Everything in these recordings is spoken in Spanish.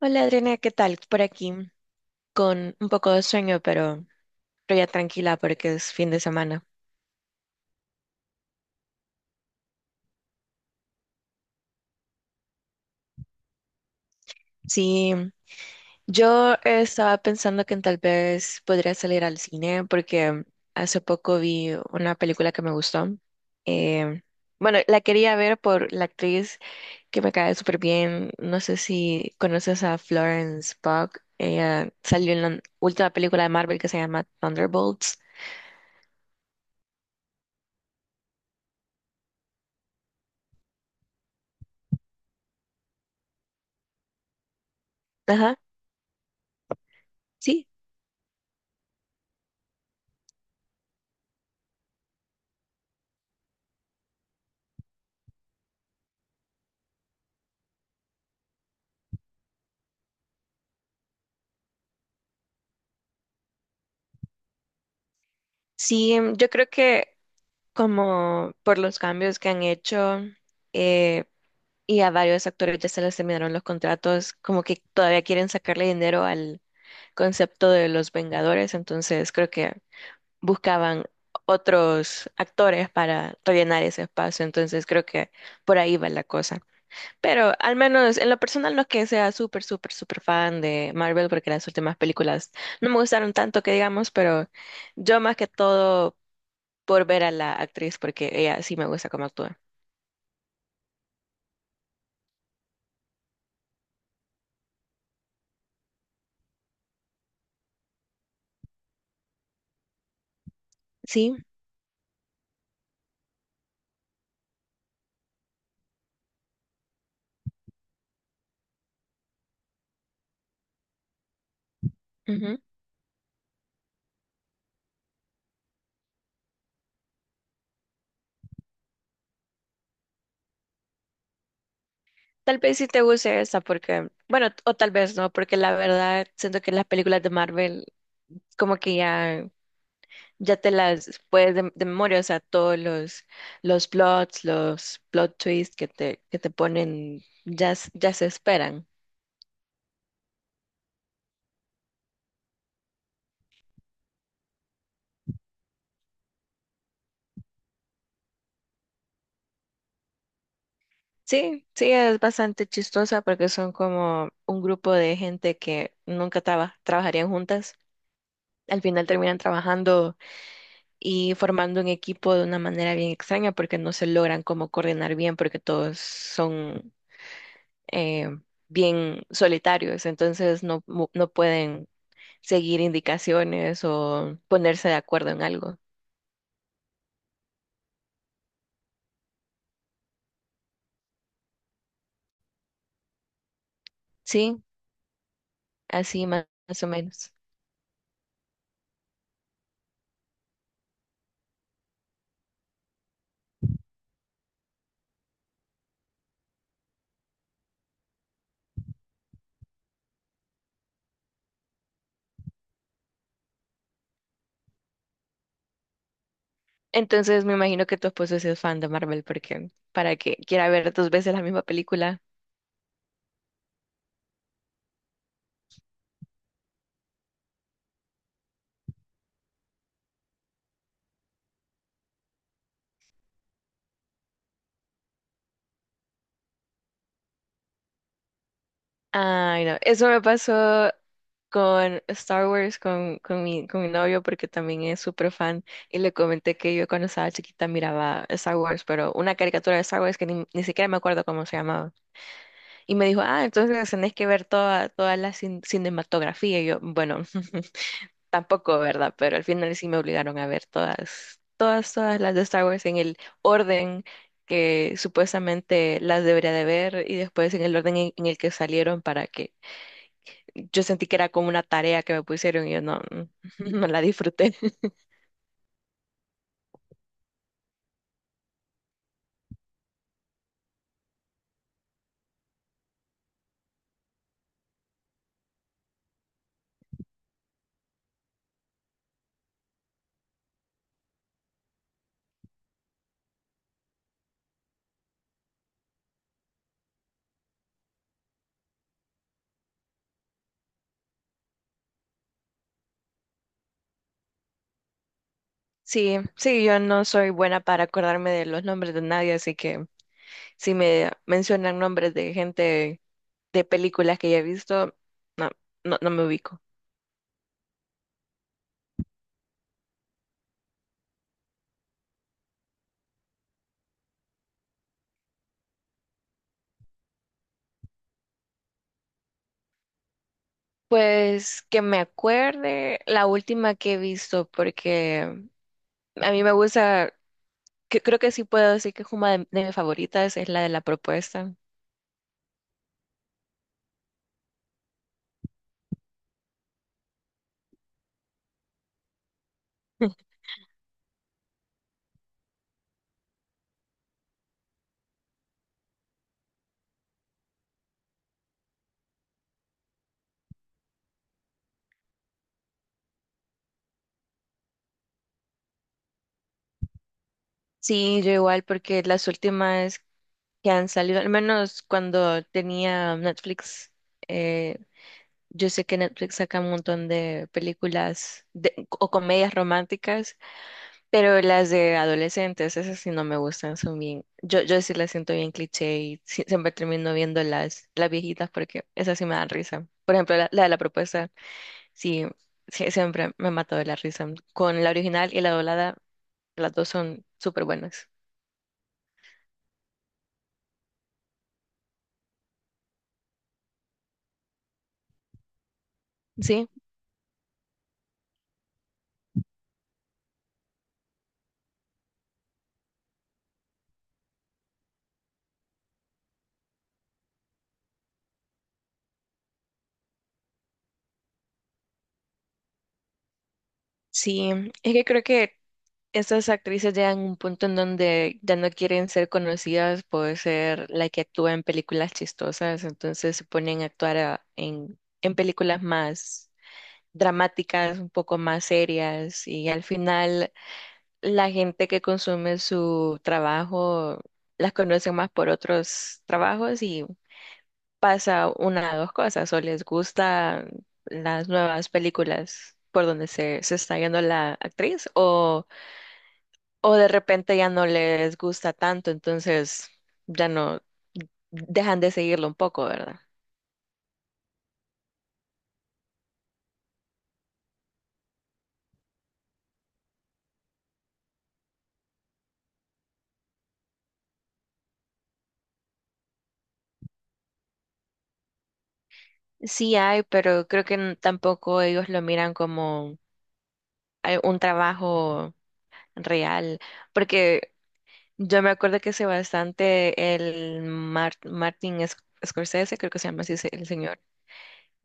Hola Adriana, ¿qué tal? Por aquí, con un poco de sueño, pero ya tranquila porque es fin de semana. Sí, yo estaba pensando que tal vez podría salir al cine porque hace poco vi una película que me gustó. Eh, bueno, la quería ver por la actriz que me cae súper bien. No sé si conoces a Florence Pugh. Ella salió en la última película de Marvel que se llama Thunderbolts. Ajá, sí. Sí, yo creo que como por los cambios que han hecho eh, y a varios actores ya se les terminaron los contratos, como que todavía quieren sacarle dinero al concepto de los Vengadores, entonces creo que buscaban otros actores para rellenar ese espacio, entonces creo que por ahí va la cosa. Pero al menos en lo personal no es que sea súper, súper, súper fan de Marvel porque las últimas películas no me gustaron tanto que digamos, pero yo más que todo por ver a la actriz porque ella sí me gusta cómo actúa. Sí, ujú. Tal vez sí te guste esa porque, bueno, o tal vez no, porque la verdad siento que las películas de Marvel como que ya te las puedes de memoria, o sea, los plots, los plot twists que te ponen ya, ya se esperan. Sí, sí, es bastante chistosa porque son como un grupo de gente que nunca trabajarían juntas. Al final terminan trabajando y formando un equipo de una manera bien extraña porque no se logran como coordinar bien porque todos son eh, bien solitarios, entonces no, no pueden seguir indicaciones o ponerse de acuerdo en algo. Sí, así más, más o menos. Entonces me imagino que tu esposo sí es fan de Marvel porque para que quiera ver dos veces la misma película. Ay, no, eso me pasó con Star Wars, con mi novio, porque también es súper fan, y le comenté que yo cuando estaba chiquita miraba Star Wars, pero una caricatura de Star Wars que ni siquiera me acuerdo cómo se llamaba. Y me dijo, ah, entonces tenés que ver toda, toda la cinematografía. Y yo, bueno, tampoco, ¿verdad? Pero al final sí me obligaron a ver todas, todas, todas las de Star Wars en el orden que supuestamente las debería de ver y después en el orden en el que salieron para que yo sentí que era como una tarea que me pusieron y yo no, no la disfruté. Sí, sí, yo no soy buena para acordarme de los nombres de nadie, así que si me mencionan nombres de gente de películas que ya he visto, no, no me ubico. Pues que me acuerde la última que he visto, porque a mí me gusta, que, creo que sí puedo decir que es una de mis favoritas, es la de la propuesta. Sí, yo igual, porque las últimas que han salido, al menos cuando tenía Netflix, eh, yo sé que Netflix saca un montón de o comedias románticas, pero las de adolescentes, esas sí no me gustan, son bien, yo sí las siento bien cliché y siempre termino viendo las viejitas porque esas sí me dan risa. Por ejemplo, la de la propuesta, sí, sí, siempre me ha matado de la risa. Con la original y la doblada, las dos son súper buenas. Sí. Sí, es que creo que estas actrices llegan a un punto en donde ya no quieren ser conocidas por ser la que actúa en películas chistosas, entonces se ponen a en películas más dramáticas, un poco más serias, y al final la gente que consume su trabajo las conoce más por otros trabajos y pasa una de dos cosas, o les gustan las nuevas películas por donde se está yendo la actriz, o de repente ya no les gusta tanto, entonces ya no dejan de seguirlo un poco, ¿verdad? Sí hay, pero creo que tampoco ellos lo miran como un trabajo real, porque yo me acuerdo que hace bastante el Martin Scorsese, creo que se llama así, el señor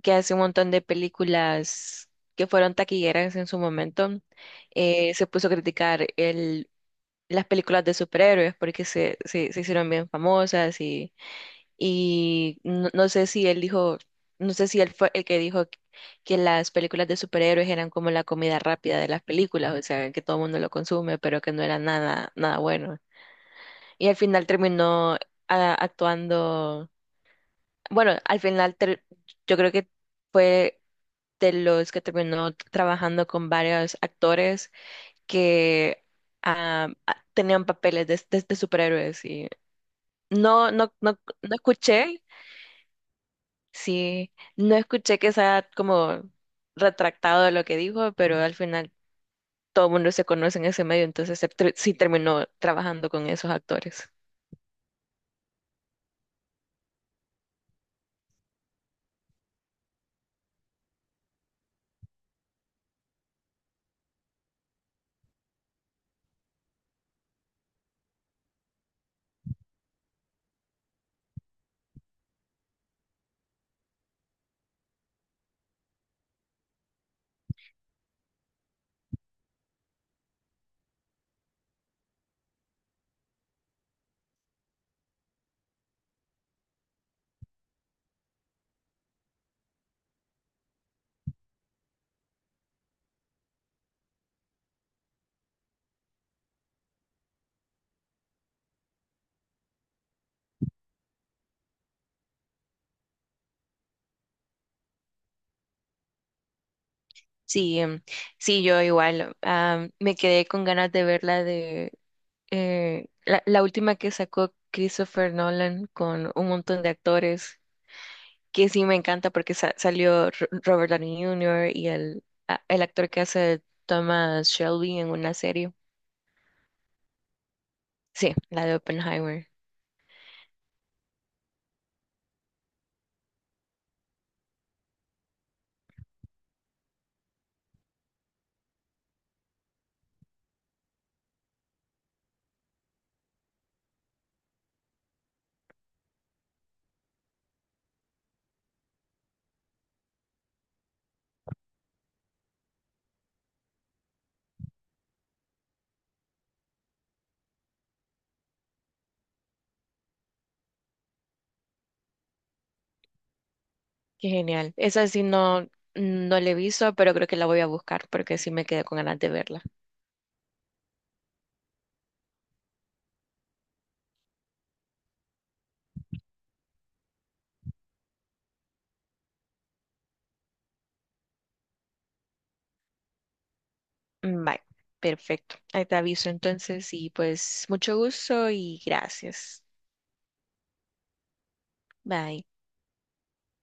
que hace un montón de películas que fueron taquilleras en su momento, se puso a criticar las películas de superhéroes porque se hicieron bien famosas y no, no sé si él dijo, no sé si él fue el que dijo que las películas de superhéroes eran como la comida rápida de las películas, o sea, que todo el mundo lo consume, pero que no era nada, nada bueno. Y al final terminó actuando, bueno, yo creo que fue de los que terminó trabajando con varios actores que tenían papeles de superhéroes y no, no, no, no escuché, sí, no escuché que sea como retractado de lo que dijo, pero al final todo el mundo se conoce en ese medio, entonces sí terminó trabajando con esos actores. Sí, sí, yo igual, ah, me quedé con ganas de verla la, la última que sacó Christopher Nolan con un montón de actores, que sí me encanta porque salió Robert Downey Jr. y el actor que hace Thomas Shelby en una serie. Sí, la de Oppenheimer. Qué genial. Esa sí no, no la he visto, pero creo que la voy a buscar porque sí me quedé con ganas de verla. Mm, bye. Perfecto. Ahí te aviso entonces y pues mucho gusto y gracias. Bye.